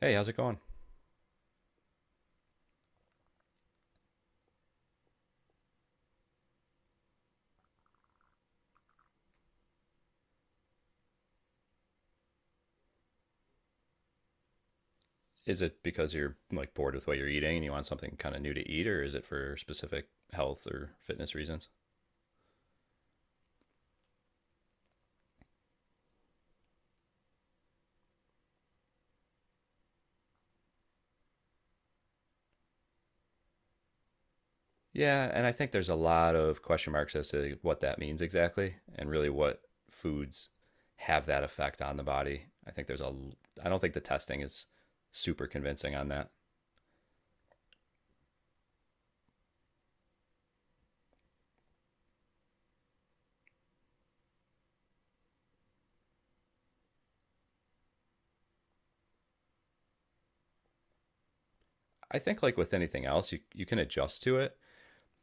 Hey, how's it going? Is it because you're like bored with what you're eating and you want something kind of new to eat, or is it for specific health or fitness reasons? Yeah, and I think there's a lot of question marks as to what that means exactly and really what foods have that effect on the body. I don't think the testing is super convincing on that. I think like with anything else, you can adjust to it,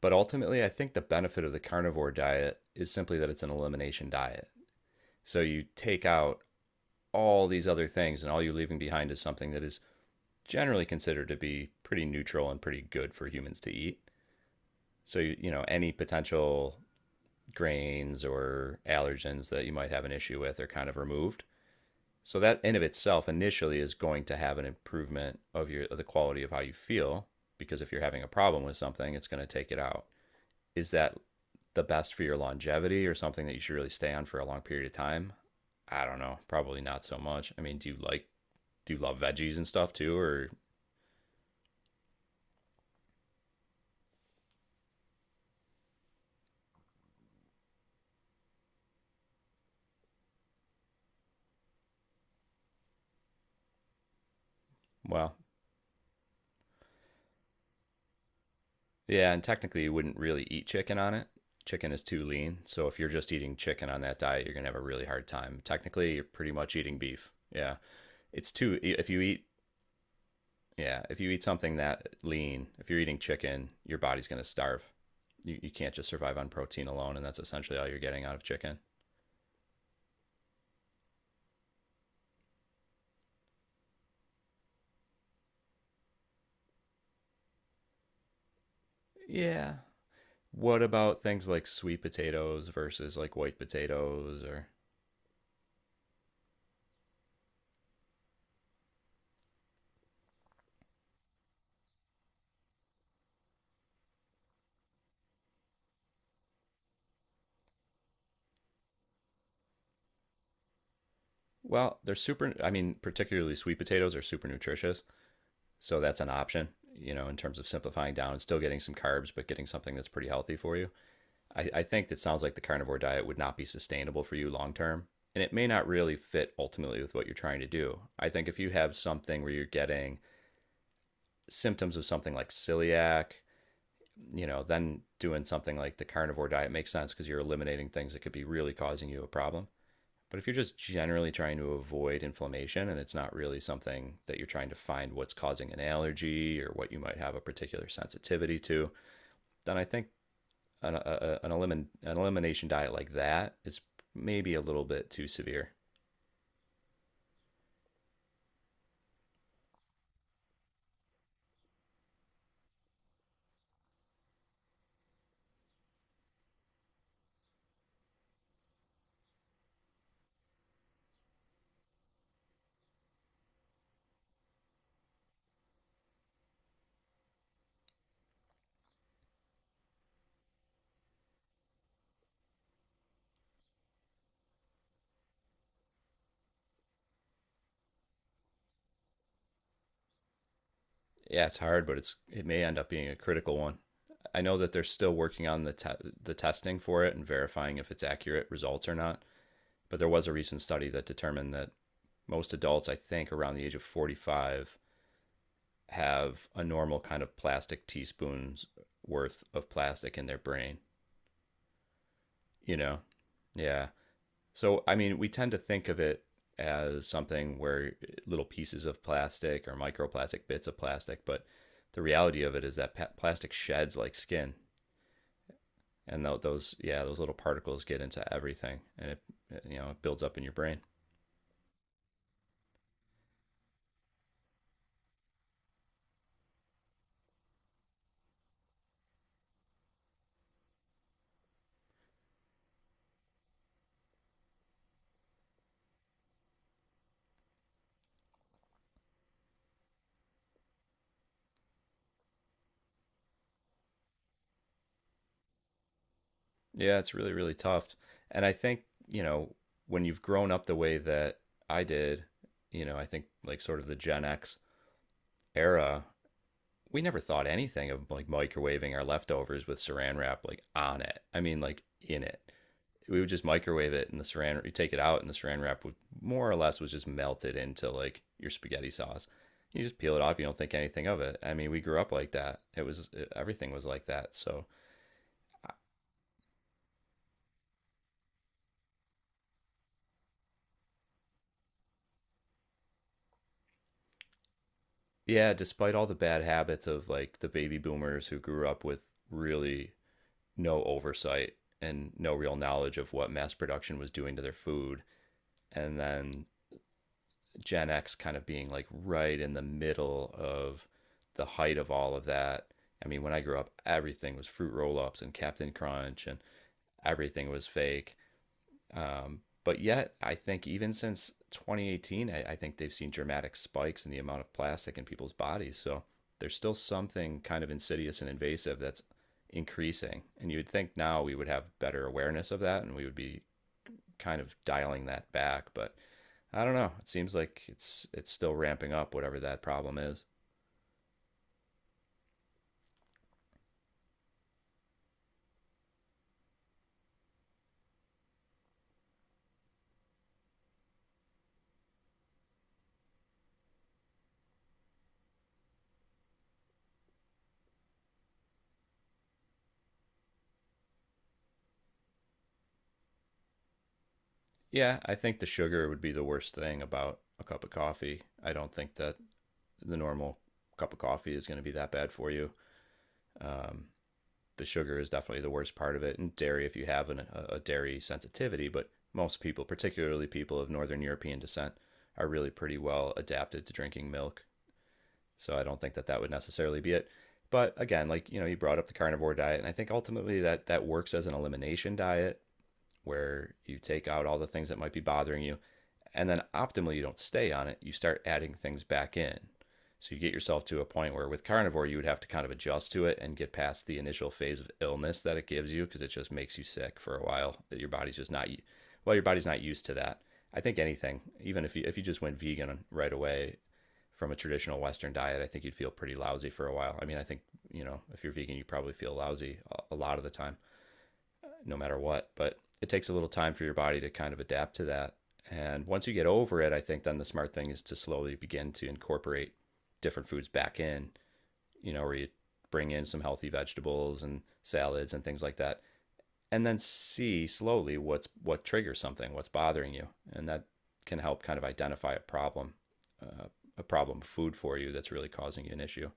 but ultimately I think the benefit of the carnivore diet is simply that it's an elimination diet. So you take out all these other things, and all you're leaving behind is something that is generally considered to be pretty neutral and pretty good for humans to eat. So, you know, any potential grains or allergens that you might have an issue with are kind of removed. So that in of itself initially is going to have an improvement of your of the quality of how you feel because if you're having a problem with something, it's going to take it out. Is that the best for your longevity or something that you should really stay on for a long period of time? I don't know. Probably not so much. I mean, do you love veggies and stuff too, or well, yeah, and technically you wouldn't really eat chicken on it. Chicken is too lean, so if you're just eating chicken on that diet, you're gonna have a really hard time. Technically, you're pretty much eating beef. Yeah, it's too. If you eat, yeah, if you eat something that lean, if you're eating chicken, your body's gonna starve. You can't just survive on protein alone, and that's essentially all you're getting out of chicken. Yeah. What about things like sweet potatoes versus like white potatoes or well, they're super, I mean, particularly sweet potatoes are super nutritious. So that's an option, you know, in terms of simplifying down and still getting some carbs, but getting something that's pretty healthy for you. I think that sounds like the carnivore diet would not be sustainable for you long term. And it may not really fit ultimately with what you're trying to do. I think if you have something where you're getting symptoms of something like celiac, you know, then doing something like the carnivore diet makes sense because you're eliminating things that could be really causing you a problem. But if you're just generally trying to avoid inflammation and it's not really something that you're trying to find what's causing an allergy or what you might have a particular sensitivity to, then I think an elimination diet like that is maybe a little bit too severe. Yeah, it's hard, but it may end up being a critical one. I know that they're still working on the the testing for it and verifying if it's accurate results or not. But there was a recent study that determined that most adults, I think, around the age of 45 have a normal kind of plastic teaspoons worth of plastic in their brain, you know? Yeah. So, I mean, we tend to think of it as something where little pieces of plastic or microplastic bits of plastic, but the reality of it is that plastic sheds like skin, and those little particles get into everything, and it builds up in your brain. Yeah, it's really, really tough. And I think, you know, when you've grown up the way that I did, you know, I think like sort of the Gen X era, we never thought anything of like microwaving our leftovers with saran wrap like on it. I mean, like in it. We would just microwave it and the saran, you take it out and the saran wrap would more or less was just melted into like your spaghetti sauce. You just peel it off. You don't think anything of it. I mean, we grew up like that. Everything was like that. So yeah, despite all the bad habits of like the baby boomers who grew up with really no oversight and no real knowledge of what mass production was doing to their food, and then Gen X kind of being like right in the middle of the height of all of that. I mean, when I grew up, everything was fruit roll ups and Captain Crunch, and everything was fake. But yet, I think even since 2018, I think they've seen dramatic spikes in the amount of plastic in people's bodies. So there's still something kind of insidious and invasive that's increasing. And you would think now we would have better awareness of that and we would be kind of dialing that back. But I don't know. It seems like it's still ramping up, whatever that problem is. Yeah, I think the sugar would be the worst thing about a cup of coffee. I don't think that the normal cup of coffee is going to be that bad for you. Um, the sugar is definitely the worst part of it, and dairy if you have a dairy sensitivity. But most people, particularly people of Northern European descent, are really pretty well adapted to drinking milk. So I don't think that that would necessarily be it. But again, like you know, you brought up the carnivore diet, and I think ultimately that that works as an elimination diet where you take out all the things that might be bothering you. And then optimally, you don't stay on it. You start adding things back in. So you get yourself to a point where with carnivore, you would have to kind of adjust to it and get past the initial phase of illness that it gives you because it just makes you sick for a while. That your body's just not, well, your body's not used to that. I think anything, even if you just went vegan right away from a traditional Western diet, I think you'd feel pretty lousy for a while. I mean, I think, you know, if you're vegan, you probably feel lousy a lot of the time no matter what. But it takes a little time for your body to kind of adapt to that. And once you get over it, I think then the smart thing is to slowly begin to incorporate different foods back in, you know, where you bring in some healthy vegetables and salads and things like that. And then see slowly what triggers something, what's bothering you. And that can help kind of identify uh, a problem food for you that's really causing you an issue.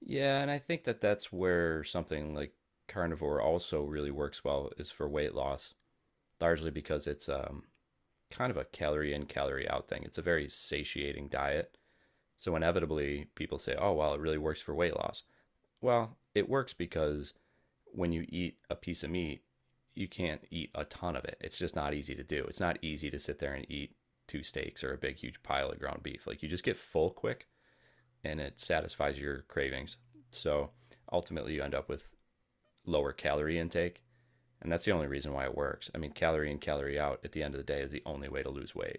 Yeah, and I think that that's where something like carnivore also really works well is for weight loss largely because it's kind of a calorie in, calorie out thing. It's a very satiating diet. So, inevitably, people say, oh, well, it really works for weight loss. Well, it works because when you eat a piece of meat, you can't eat a ton of it. It's just not easy to do. It's not easy to sit there and eat two steaks or a big, huge pile of ground beef. Like, you just get full quick and it satisfies your cravings. So, ultimately, you end up with lower calorie intake and that's the only reason why it works. I mean, calorie in, calorie out at the end of the day is the only way to lose weight.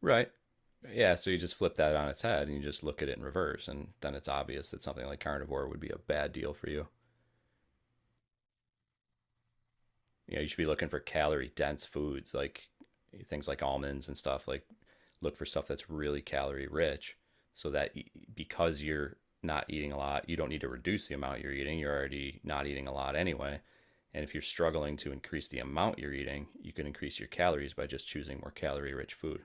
Right. Yeah, so you just flip that on its head and you just look at it in reverse, and then it's obvious that something like carnivore would be a bad deal for you. You know, you should be looking for calorie dense foods like things like almonds and stuff like look for stuff that's really calorie rich so that because you're not eating a lot, you don't need to reduce the amount you're eating. You're already not eating a lot anyway, and if you're struggling to increase the amount you're eating, you can increase your calories by just choosing more calorie rich food.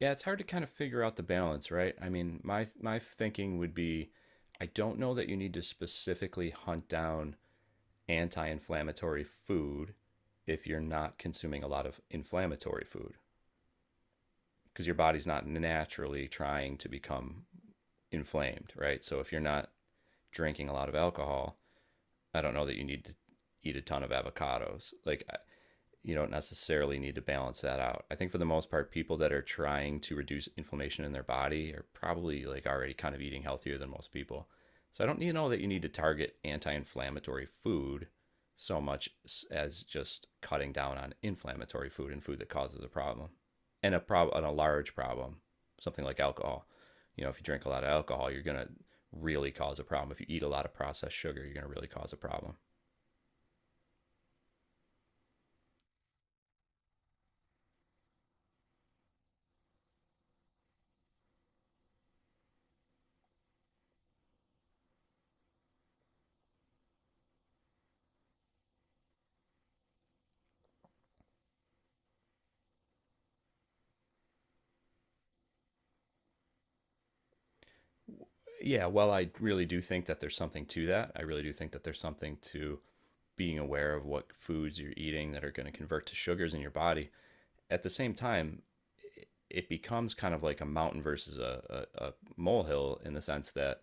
Yeah, it's hard to kind of figure out the balance, right? I mean, my thinking would be I don't know that you need to specifically hunt down anti inflammatory food if you're not consuming a lot of inflammatory food because your body's not naturally trying to become inflamed, right? So if you're not drinking a lot of alcohol, I don't know that you need to eat a ton of avocados. Like you don't necessarily need to balance that out. I think for the most part, people that are trying to reduce inflammation in their body are probably like already kind of eating healthier than most people. So I don't you know that you need to target anti-inflammatory food so much as just cutting down on inflammatory food and food that causes a problem and a large problem, something like alcohol. You know, if you drink a lot of alcohol, you're gonna really cause a problem. If you eat a lot of processed sugar, you're gonna really cause a problem. Yeah, well, I really do think that there's something to that. I really do think that there's something to being aware of what foods you're eating that are going to convert to sugars in your body. At the same time, it- becomes kind of like a mountain versus a molehill in the sense that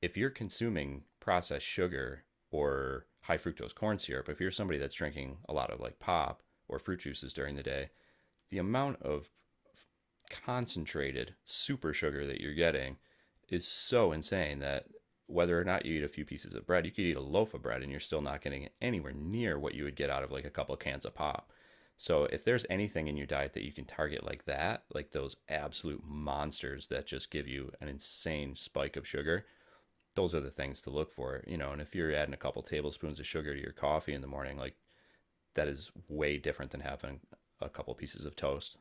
if you're consuming processed sugar or high fructose corn syrup, if you're somebody that's drinking a lot of like pop or fruit juices during the day, the amount of concentrated super sugar that you're getting is so insane that whether or not you eat a few pieces of bread, you could eat a loaf of bread and you're still not getting anywhere near what you would get out of like a couple of cans of pop. So if there's anything in your diet that you can target like that, like those absolute monsters that just give you an insane spike of sugar, those are the things to look for, you know. And if you're adding a couple tablespoons of sugar to your coffee in the morning, like that is way different than having a couple pieces of toast.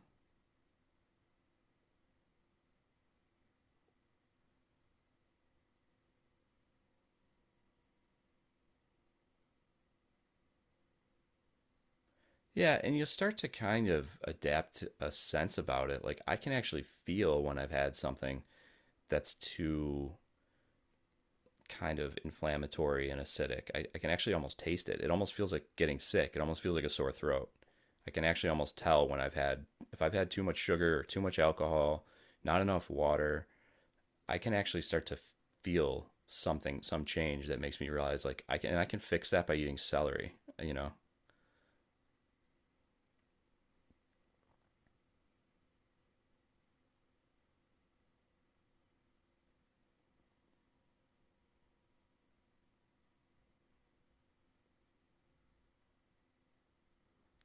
Yeah, and you'll start to kind of adapt a sense about it. Like I can actually feel when I've had something that's too kind of inflammatory and acidic. I can actually almost taste it. It almost feels like getting sick. It almost feels like a sore throat. I can actually almost tell when I've had if I've had too much sugar or too much alcohol, not enough water. I can actually start to feel something, some change that makes me realize like I can fix that by eating celery. You know,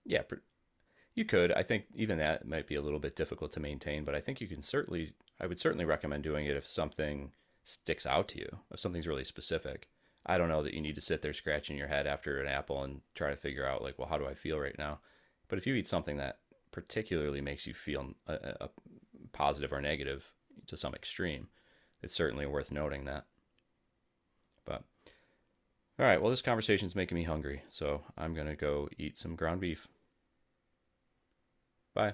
yeah, pr- you could. I think even that might be a little bit difficult to maintain, but I think you can certainly, I would certainly recommend doing it if something sticks out to you, if something's really specific. I don't know that you need to sit there scratching your head after an apple and try to figure out, like, well, how do I feel right now? But if you eat something that particularly makes you feel a positive or negative to some extreme, it's certainly worth noting that. But all right, well, this conversation's making me hungry, so I'm going to go eat some ground beef. Bye.